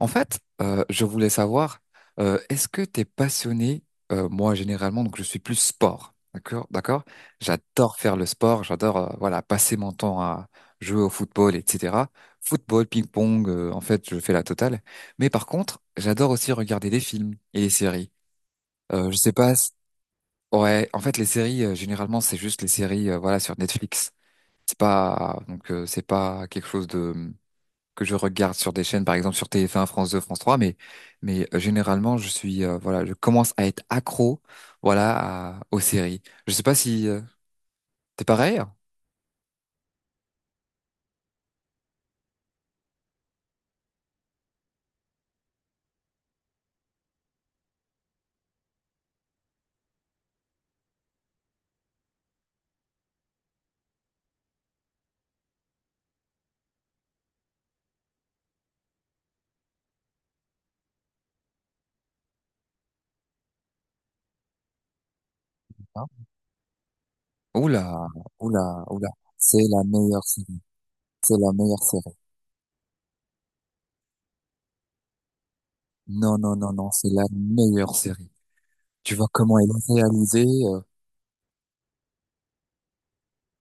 En fait, je voulais savoir, est-ce que tu es passionné, moi généralement, donc je suis plus sport, d'accord, d'accord? J'adore faire le sport, j'adore voilà passer mon temps à jouer au football, etc. Football, ping-pong, en fait, je fais la totale. Mais par contre, j'adore aussi regarder des films et des séries. Je sais pas, ouais, en fait, les séries, généralement, c'est juste les séries, voilà, sur Netflix. C'est pas, donc, c'est pas quelque chose de que je regarde sur des chaînes, par exemple sur TF1, France 2, France 3, mais généralement je suis voilà, je commence à être accro voilà aux séries. Je sais pas si t'es pareil, hein. Oula, oula, oula, c'est la meilleure série, c'est la meilleure série. Non, non, non, non, c'est la meilleure série. Tu vois comment elle est réalisée.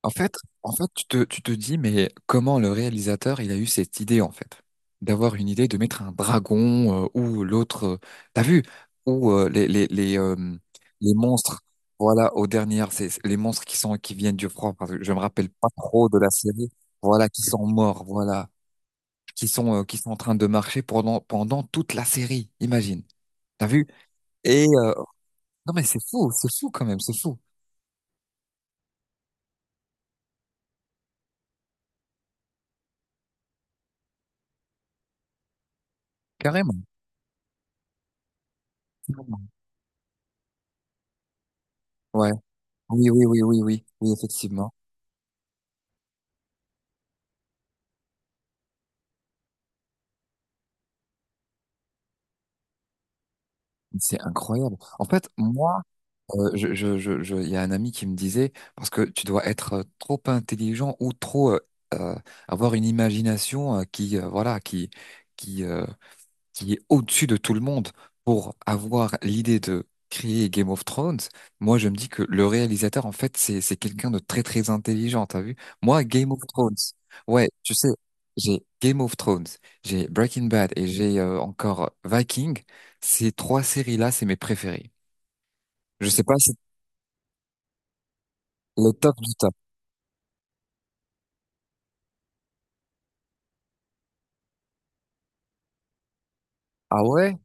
En fait, en fait, tu te dis, mais comment le réalisateur, il a eu cette idée, en fait, d'avoir une idée de mettre un dragon ou l'autre, t'as vu, ou les les monstres, voilà, aux dernières, c'est les monstres qui sont qui viennent du froid, parce que je me rappelle pas trop de la série, voilà, qui sont morts, voilà, qui sont en train de marcher pendant toute la série, imagine, t'as vu? Et non mais c'est fou quand même, c'est fou, carrément. Ouais, oui, oui, oui, oui, oui, oui, effectivement. C'est incroyable. En fait, moi, il y a un ami qui me disait, parce que tu dois être trop intelligent ou trop euh, avoir une imagination qui, voilà, qui, qui est au-dessus de tout le monde pour avoir l'idée de créer Game of Thrones. Moi je me dis que le réalisateur en fait c'est quelqu'un de très très intelligent, t'as vu? Moi Game of Thrones, ouais, tu sais, j'ai Game of Thrones, j'ai Breaking Bad et j'ai encore Viking. Ces trois séries-là, c'est mes préférées. Je sais pas si c'est le top du top. Ah ouais?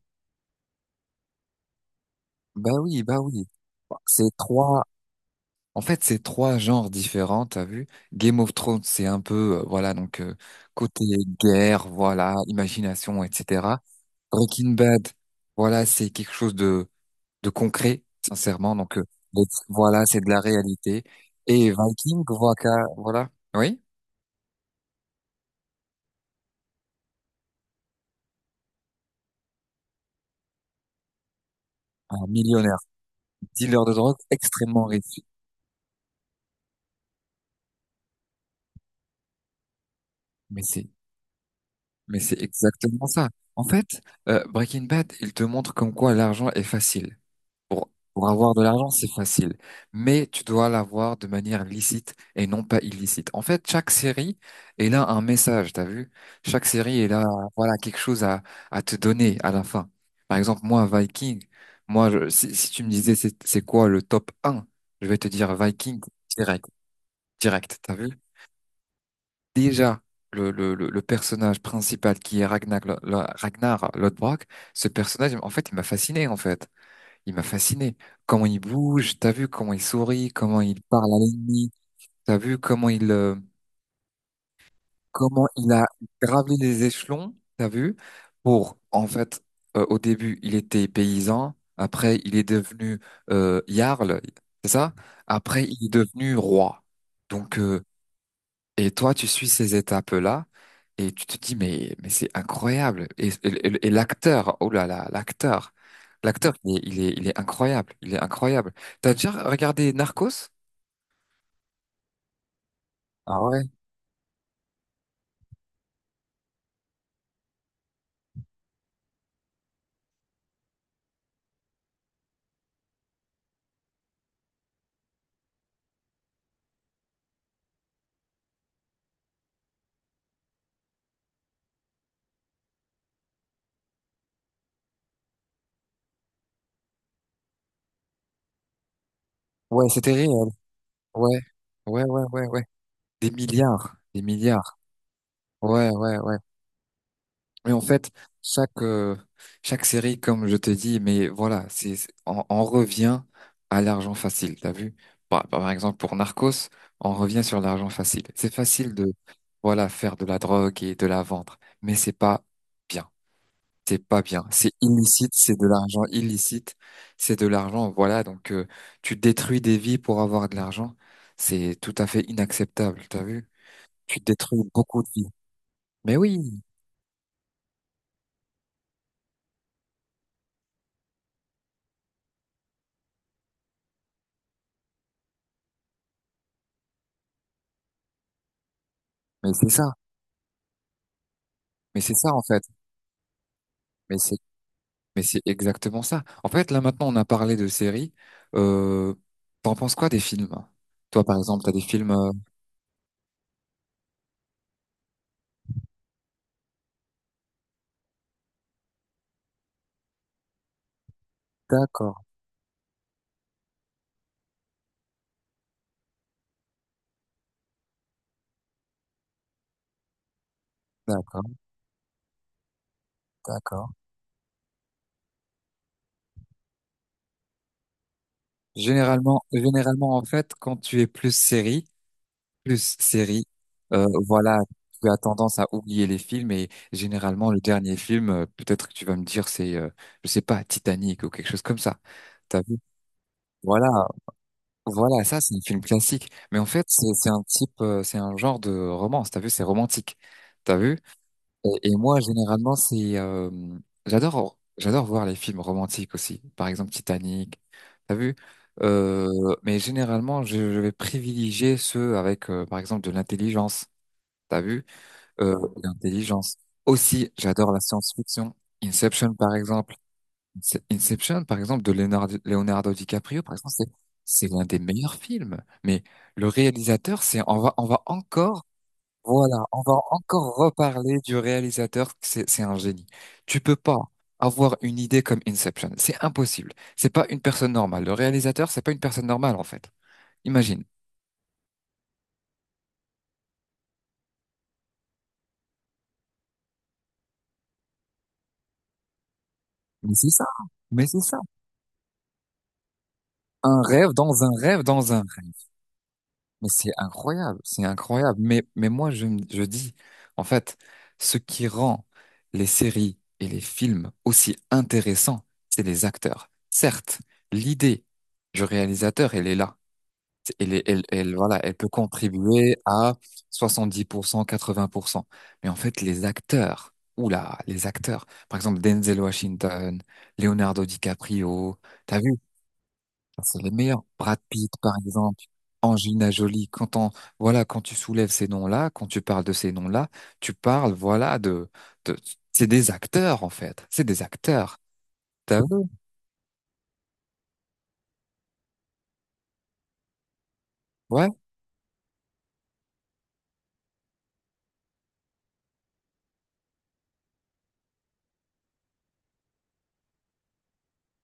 Bah oui, bah oui. Ces trois En fait, c'est trois genres différents, t'as vu? Game of Thrones, c'est un peu, voilà, donc côté guerre, voilà, imagination, etc. Breaking Bad, voilà, c'est quelque chose de concret, sincèrement. Donc, voilà, c'est de la réalité. Et Viking, voilà, voilà, oui, un millionnaire, dealer de drogue, extrêmement riche. Mais c'est, mais c'est exactement ça. En fait, Breaking Bad, il te montre comme quoi l'argent est facile. Pour avoir de l'argent, c'est facile, mais tu dois l'avoir de manière licite et non pas illicite. En fait, chaque série est là un message, t'as vu? Chaque série est là, voilà, quelque chose à te donner à la fin. Par exemple, moi, Viking, moi, si tu me disais c'est quoi le top un, je vais te dire Viking direct, direct, t'as vu? Déjà, le personnage principal qui est Ragnar, Ragnar Lodbrok, ce personnage, en fait, il m'a fasciné, en fait. Il m'a fasciné. Comment il bouge, t'as vu comment il sourit, comment il parle à l'ennemi, t'as vu comment il a gravé les échelons, t'as vu, pour, en fait, au début, il était paysan, après, il est devenu jarl, c'est ça? Après, il est devenu roi. Donc, et toi, tu suis ces étapes-là et tu te dis, mais c'est incroyable. Et l'acteur, oh là là, l'acteur, il est incroyable. Il est incroyable. T'as déjà regardé Narcos? Ah ouais? Ouais, c'était réel. Ouais, ouais, ouais, ouais, ouais. Des milliards, des milliards. Ouais, ouais, ouais. Et en fait, chaque, euh, chaque série, comme je te dis, mais voilà, on revient à l'argent facile, t'as vu? Par exemple, pour Narcos, on revient sur l'argent facile. C'est facile de, voilà, faire de la drogue et de la vendre, mais c'est pas bien. C'est pas bien. C'est illicite, c'est de l'argent illicite, c'est de l'argent, voilà, donc tu détruis des vies pour avoir de l'argent. C'est tout à fait inacceptable, t'as vu? Tu détruis beaucoup de vies. Mais oui, mais c'est ça. Mais c'est ça en fait. Mais c'est Mais c'est exactement ça. En fait, là maintenant, on a parlé de séries. Euh, T'en penses quoi des films? Toi, par exemple, t'as des films. D'accord, d'accord, d'accord. Généralement, en fait, quand tu es plus série, voilà, tu as tendance à oublier les films. Et généralement, le dernier film, peut-être que tu vas me dire, c'est, je sais pas, Titanic ou quelque chose comme ça. T'as vu? Voilà. Voilà, ça, c'est un film classique. Mais en fait, c'est un type, c'est un genre de romance. T'as vu, c'est romantique. T'as vu? Et moi, généralement, c'est, j'adore voir les films romantiques aussi. Par exemple, Titanic. T'as vu? Euh, mais généralement, je vais privilégier ceux avec, par exemple, de l'intelligence. T'as vu? Euh, L'intelligence. Aussi, j'adore la science-fiction. Inception, par exemple. Inception, par exemple, de Leonardo DiCaprio, par exemple, c'est l'un des meilleurs films. Mais le réalisateur, c'est, on va encore, voilà, on va encore reparler du réalisateur, c'est un génie. Tu peux pas avoir une idée comme Inception. C'est impossible. C'est pas une personne normale. Le réalisateur, c'est pas une personne normale, en fait. Imagine. Mais c'est ça. Mais c'est ça. Un rêve dans un rêve dans un rêve. Mais c'est incroyable, c'est incroyable. Mais moi, je dis, en fait, ce qui rend les séries et les films aussi intéressants, c'est les acteurs. Certes, l'idée du réalisateur, elle est là. Elle, est- elle, elle, voilà, elle peut contribuer à 70%, 80%. Mais en fait, les acteurs, oula, les acteurs, par exemple, Denzel Washington, Leonardo DiCaprio, t'as vu, enfin, c'est les meilleurs. Brad Pitt, par exemple, Angelina Jolie. Quand tu soulèves ces noms-là, quand tu parles de ces noms-là, tu parles, voilà, de, c'est des acteurs, en fait. C'est des acteurs. T'as vu? Ouais.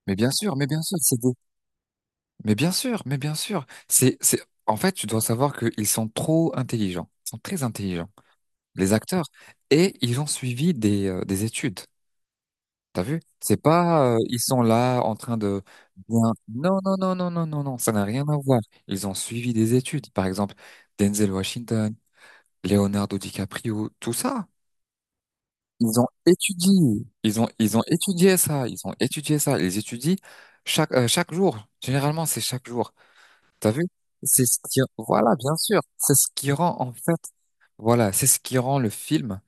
Mais bien sûr, mais bien sûr, mais bien sûr, mais bien sûr. En fait, tu dois savoir qu'ils sont trop intelligents. Ils sont très intelligents, les acteurs. Et ils ont suivi des études. T'as vu? C'est pas, ils sont là en train de bien. Non, non, non, non, non, non, non, ça n'a rien à voir. Ils ont suivi des études. Par exemple, Denzel Washington, Leonardo DiCaprio, tout ça. Ils ont étudié. Ils ont étudié ça. Ils ont étudié ça. Ils étudient chaque jour. Généralement, c'est chaque jour. T'as vu? C'est ce qui, voilà, bien sûr. C'est ce qui rend, en fait, voilà, c'est ce qui rend le film,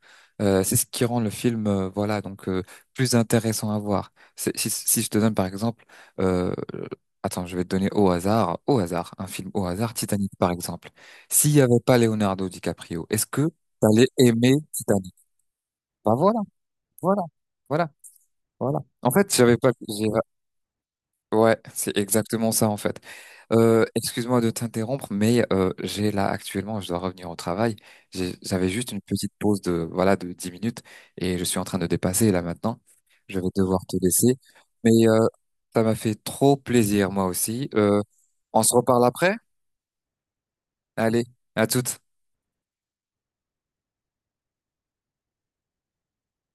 voilà, donc plus intéressant à voir. Si je te donne par exemple, euh, attends, je vais te donner au hasard, un film au hasard, Titanic par exemple. S'il n'y avait pas Leonardo DiCaprio, est-ce que tu allais aimer Titanic? Bah voilà, voilà, voilà, voilà. En fait, j'avais pas, Ouais, c'est exactement ça en fait. Excuse-moi de t'interrompre, mais j'ai là actuellement, je dois revenir au travail. J'avais juste une petite pause de voilà de 10 minutes et je suis en train de dépasser là maintenant. Je vais devoir te laisser, mais ça m'a fait trop plaisir moi aussi. On se reparle après? Allez, à toutes.